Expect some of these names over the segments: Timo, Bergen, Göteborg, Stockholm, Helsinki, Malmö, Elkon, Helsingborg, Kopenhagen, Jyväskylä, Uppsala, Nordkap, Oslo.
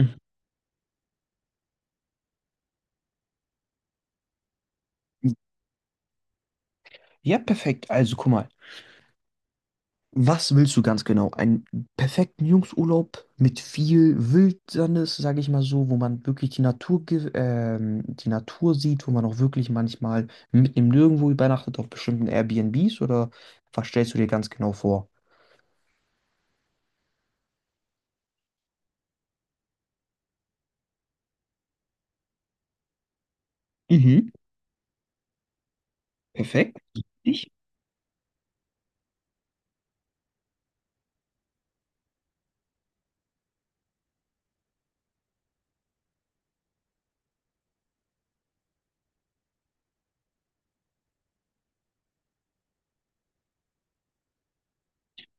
Mhm. Ja, perfekt. Also, guck mal. Was willst du ganz genau? Einen perfekten Jungsurlaub mit viel Wildnis, sage ich mal so, wo man wirklich die Natur, die Natur sieht, wo man auch wirklich manchmal mitten im Nirgendwo übernachtet auf bestimmten Airbnbs oder was stellst du dir ganz genau vor? Mhm, perfekt. Ich?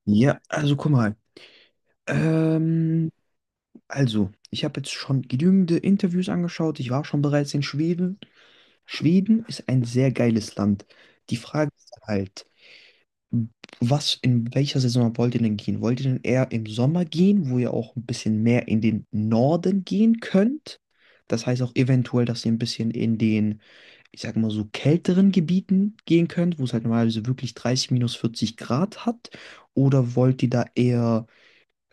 Ja, also guck mal. Ähm, also, ich habe jetzt schon genügende Interviews angeschaut. Ich war schon bereits in Schweden. Schweden ist ein sehr geiles Land. Die Frage ist halt, was, in welcher Saison wollt ihr denn gehen? Wollt ihr denn eher im Sommer gehen, wo ihr auch ein bisschen mehr in den Norden gehen könnt? Das heißt auch eventuell, dass ihr ein bisschen in den, ich sag mal so, kälteren Gebieten gehen könnt, wo es halt normalerweise wirklich 30 minus 40 Grad hat. Oder wollt ihr da eher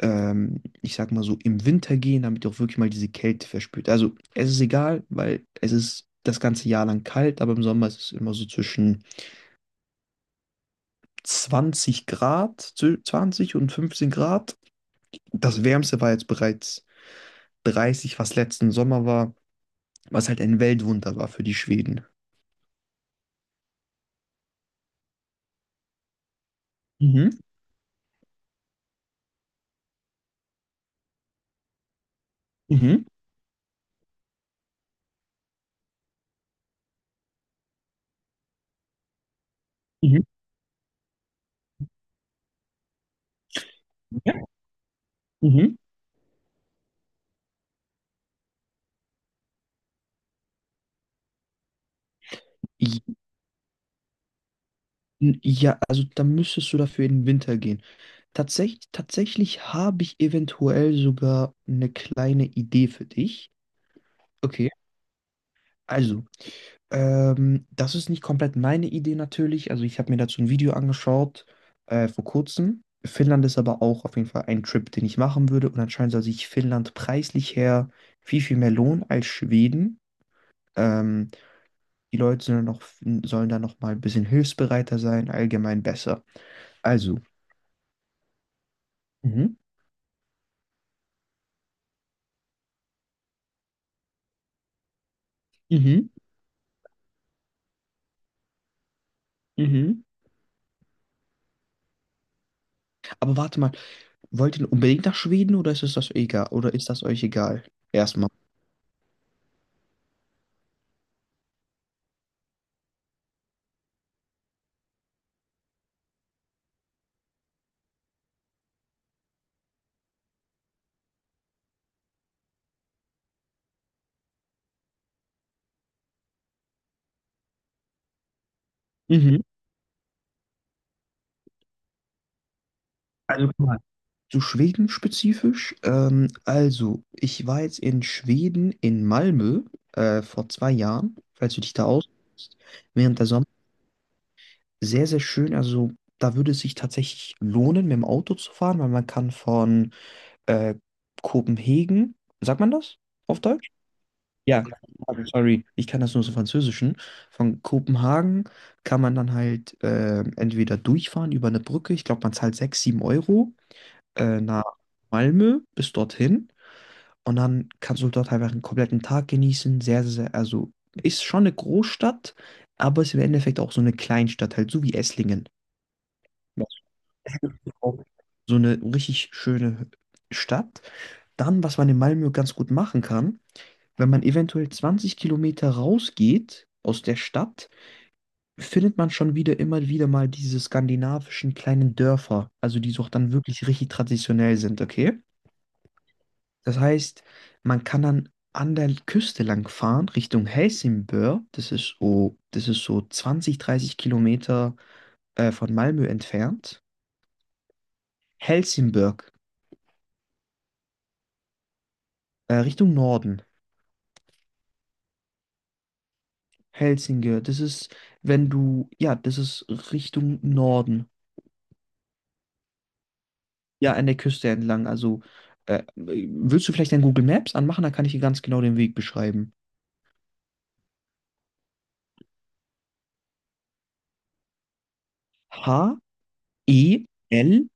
ich sag mal so, im Winter gehen, damit ihr auch wirklich mal diese Kälte verspürt. Also es ist egal, weil es ist das ganze Jahr lang kalt, aber im Sommer ist es immer so zwischen 20 Grad, 20 und 15 Grad. Das Wärmste war jetzt bereits 30, was letzten Sommer war, was halt ein Weltwunder war für die Schweden. Mhm, mhm, mhm, ja, mhm. N- Ja, also da müsstest du dafür in den Winter gehen. Tatsächlich, tatsächlich habe ich eventuell sogar eine kleine Idee für dich. Okay, also, das ist nicht komplett meine Idee natürlich. Also ich habe mir dazu ein Video angeschaut vor kurzem. Finnland ist aber auch auf jeden Fall ein Trip, den ich machen würde. Und anscheinend soll sich Finnland preislich her viel, viel mehr lohnen als Schweden. Ähm, die Leute sollen, noch, sollen da noch mal ein bisschen hilfsbereiter sein, allgemein besser. Also. Mhm. Mhm, mhm. Aber warte mal, wollt ihr unbedingt nach Schweden oder ist es das egal? Oder ist das euch egal? Erstmal. Mhm. Also guck mal. Zu Schweden spezifisch. Also, ich war jetzt in Schweden in Malmö vor 2 Jahren, falls du dich da auskennst, während der Sommer. Sehr, sehr schön. Also, da würde es sich tatsächlich lohnen, mit dem Auto zu fahren, weil man kann von äh, Kopenhagen, sagt man das auf Deutsch? Ja, Kopenhagen, sorry. Ich kann das nur so Französischen. Von Kopenhagen kann man dann halt entweder durchfahren über eine Brücke. Ich glaube, man zahlt 6, 7 Euro nach Malmö bis dorthin. Und dann kannst du dort einfach einen kompletten Tag genießen. Sehr, sehr, sehr, also ist schon eine Großstadt, aber ist im Endeffekt auch so eine Kleinstadt, halt so wie Esslingen. Weißt du, auch so eine richtig schöne Stadt. Dann, was man in Malmö ganz gut machen kann, wenn man eventuell 20 Kilometer rausgeht aus der Stadt, findet man schon wieder immer wieder mal diese skandinavischen kleinen Dörfer, also die so auch dann wirklich richtig traditionell sind, okay? Das heißt, man kann dann an der Küste lang fahren, Richtung Helsingborg, das ist so 20, 30 Kilometer von Malmö entfernt. Helsingborg, Richtung Norden. Helsinge, das ist, wenn du, ja, das ist Richtung Norden. Ja, an der Küste entlang. Also, willst du vielleicht dein Google Maps anmachen? Dann kann ich dir ganz genau den Weg beschreiben. H-E-L-S-I,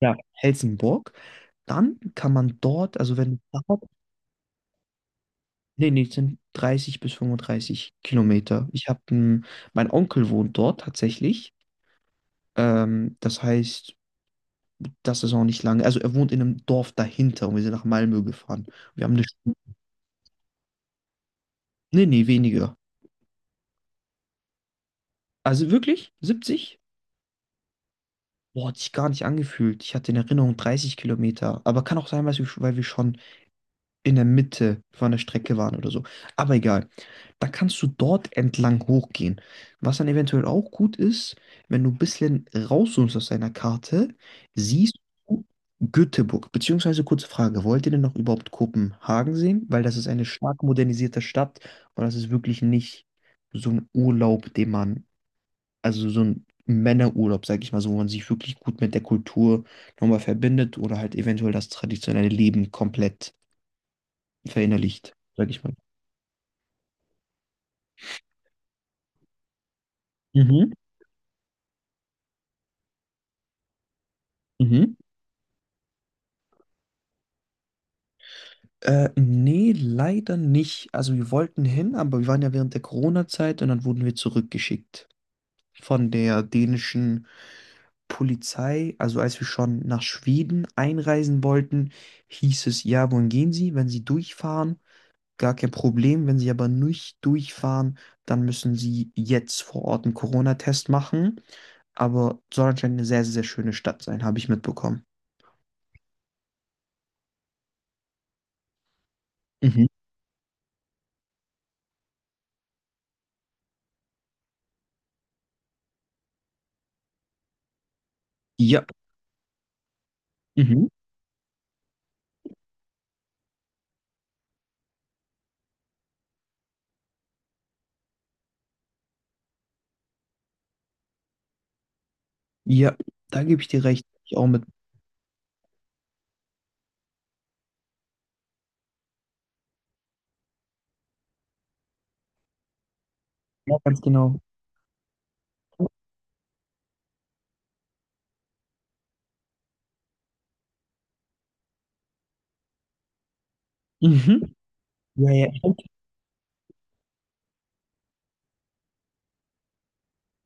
ja, Helsingborg. Dann kann man dort, also wenn dort, nee, nee, es sind 30 bis 35 Kilometer. Ich habe, mein Onkel wohnt dort tatsächlich. Das heißt, das ist auch nicht lange. Also er wohnt in einem Dorf dahinter und wir sind nach Malmö gefahren. Wir haben eine, nee, nee, weniger. Also wirklich? 70? Boah, hat sich gar nicht angefühlt. Ich hatte in Erinnerung 30 Kilometer. Aber kann auch sein, weil wir schon in der Mitte von der Strecke waren oder so. Aber egal. Da kannst du dort entlang hochgehen. Was dann eventuell auch gut ist, wenn du ein bisschen rauszoomst aus deiner Karte, siehst du Göteborg. Beziehungsweise kurze Frage, wollt ihr denn noch überhaupt Kopenhagen sehen? Weil das ist eine stark modernisierte Stadt und das ist wirklich nicht so ein Urlaub, den man also so ein Männerurlaub, sag ich mal, so, wo man sich wirklich gut mit der Kultur nochmal verbindet oder halt eventuell das traditionelle Leben komplett verinnerlicht, sag ich mal. Mhm, mhm. Nee, leider nicht. Also wir wollten hin, aber wir waren ja während der Corona-Zeit und dann wurden wir zurückgeschickt von der dänischen Polizei. Also als wir schon nach Schweden einreisen wollten, hieß es, ja, wohin gehen Sie, wenn Sie durchfahren? Gar kein Problem. Wenn Sie aber nicht durchfahren, dann müssen Sie jetzt vor Ort einen Corona-Test machen. Aber soll anscheinend eine sehr, sehr schöne Stadt sein, habe ich mitbekommen. Mhm. Ja, mhm. Ja, da gebe ich dir recht. Ich auch mit. Ja, ganz genau. Mhm. Ja, ja, stimmt.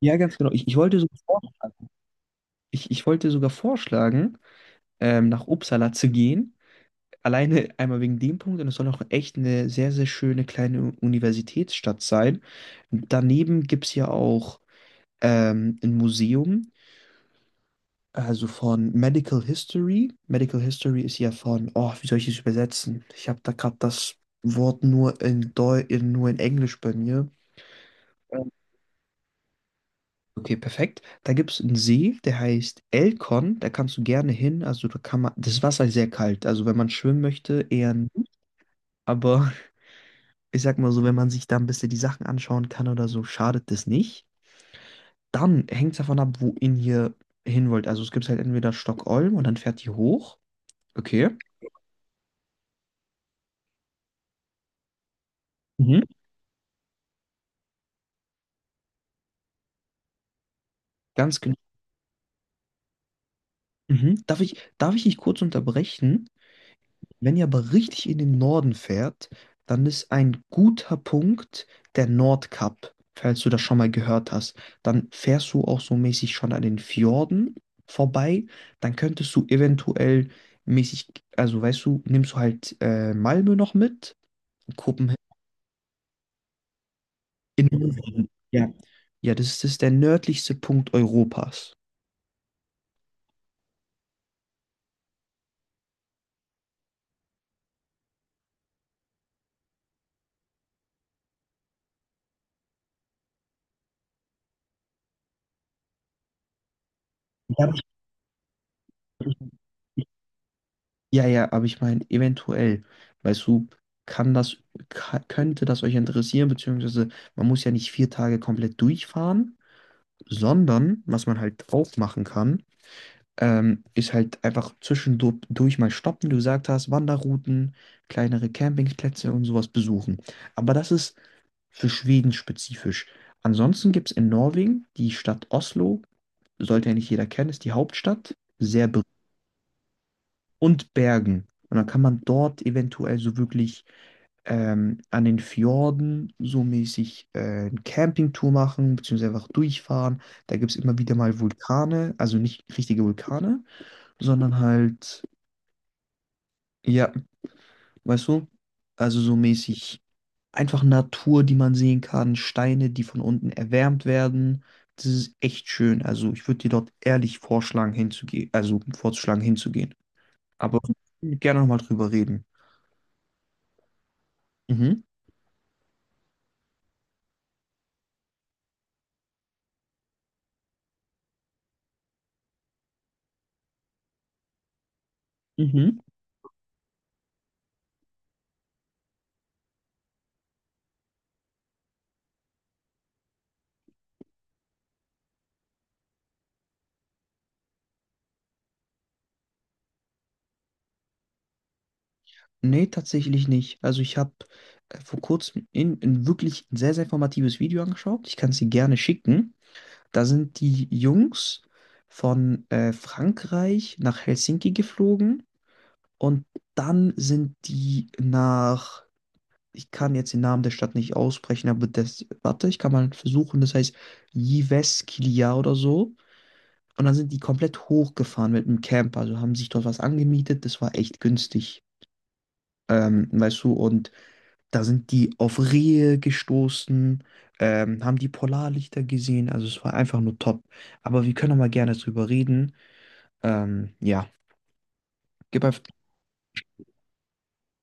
Ja, ganz genau. Ich wollte sogar vorschlagen, ich wollte sogar vorschlagen, nach Uppsala zu gehen. Alleine einmal wegen dem Punkt und es soll auch echt eine sehr, sehr schöne kleine Universitätsstadt sein. Daneben gibt es ja auch ein Museum, also von Medical History. Medical History ist ja von, oh, wie soll ich das übersetzen? Ich habe da gerade das Wort nur in nur in Englisch bei mir. Ähm, Okay, perfekt. Da gibt es einen See, der heißt Elkon, da kannst du gerne hin. Also da kann man, das Wasser ist sehr kalt, also wenn man schwimmen möchte, eher nicht. Aber ich sag mal so, wenn man sich da ein bisschen die Sachen anschauen kann oder so, schadet das nicht. Dann hängt es davon ab, wo ihn hier hin wollt. Also es gibt halt entweder Stockholm und dann fährt ihr hoch. Okay, mhm, ganz genau. Mhm. Darf ich dich kurz unterbrechen? Wenn ihr aber richtig in den Norden fährt, dann ist ein guter Punkt der Nordkap, falls du das schon mal gehört hast. Dann fährst du auch so mäßig schon an den Fjorden vorbei. Dann könntest du eventuell mäßig, also weißt du, nimmst du halt Malmö noch mit, Kopenhagen. In, den Norden. Ja. Ja, das ist der nördlichste Punkt Europas. Ja, ja, ja, aber ich meine, eventuell, weißt du, kann das, könnte das euch interessieren, beziehungsweise man muss ja nicht 4 Tage komplett durchfahren, sondern was man halt auch machen kann, ist halt einfach zwischendurch mal stoppen, du gesagt hast, Wanderrouten, kleinere Campingplätze und sowas besuchen. Aber das ist für Schweden spezifisch. Ansonsten gibt es in Norwegen die Stadt Oslo, sollte ja nicht jeder kennen, ist die Hauptstadt, sehr und Bergen. Und dann kann man dort eventuell so wirklich an den Fjorden so mäßig eine Campingtour machen, beziehungsweise einfach durchfahren. Da gibt es immer wieder mal Vulkane, also nicht richtige Vulkane, sondern halt, ja, weißt du, also so mäßig einfach Natur, die man sehen kann, Steine, die von unten erwärmt werden. Das ist echt schön. Also ich würde dir dort ehrlich vorschlagen, hinzugehen, also vorzuschlagen, hinzugehen. Aber gerne nochmal drüber reden. Mhm. Mhm. Nee, tatsächlich nicht. Also ich habe vor kurzem in wirklich ein sehr, sehr informatives Video angeschaut. Ich kann es dir gerne schicken. Da sind die Jungs von Frankreich nach Helsinki geflogen und dann sind die nach, ich kann jetzt den Namen der Stadt nicht aussprechen, aber das, warte, ich kann mal versuchen, das heißt Jyväskylä oder so. Und dann sind die komplett hochgefahren mit einem Camper, also haben sich dort was angemietet, das war echt günstig. Weißt du, und da sind die auf Rehe gestoßen, haben die Polarlichter gesehen. Also es war einfach nur top. Aber wir können auch mal gerne drüber reden. Ja, gib einfach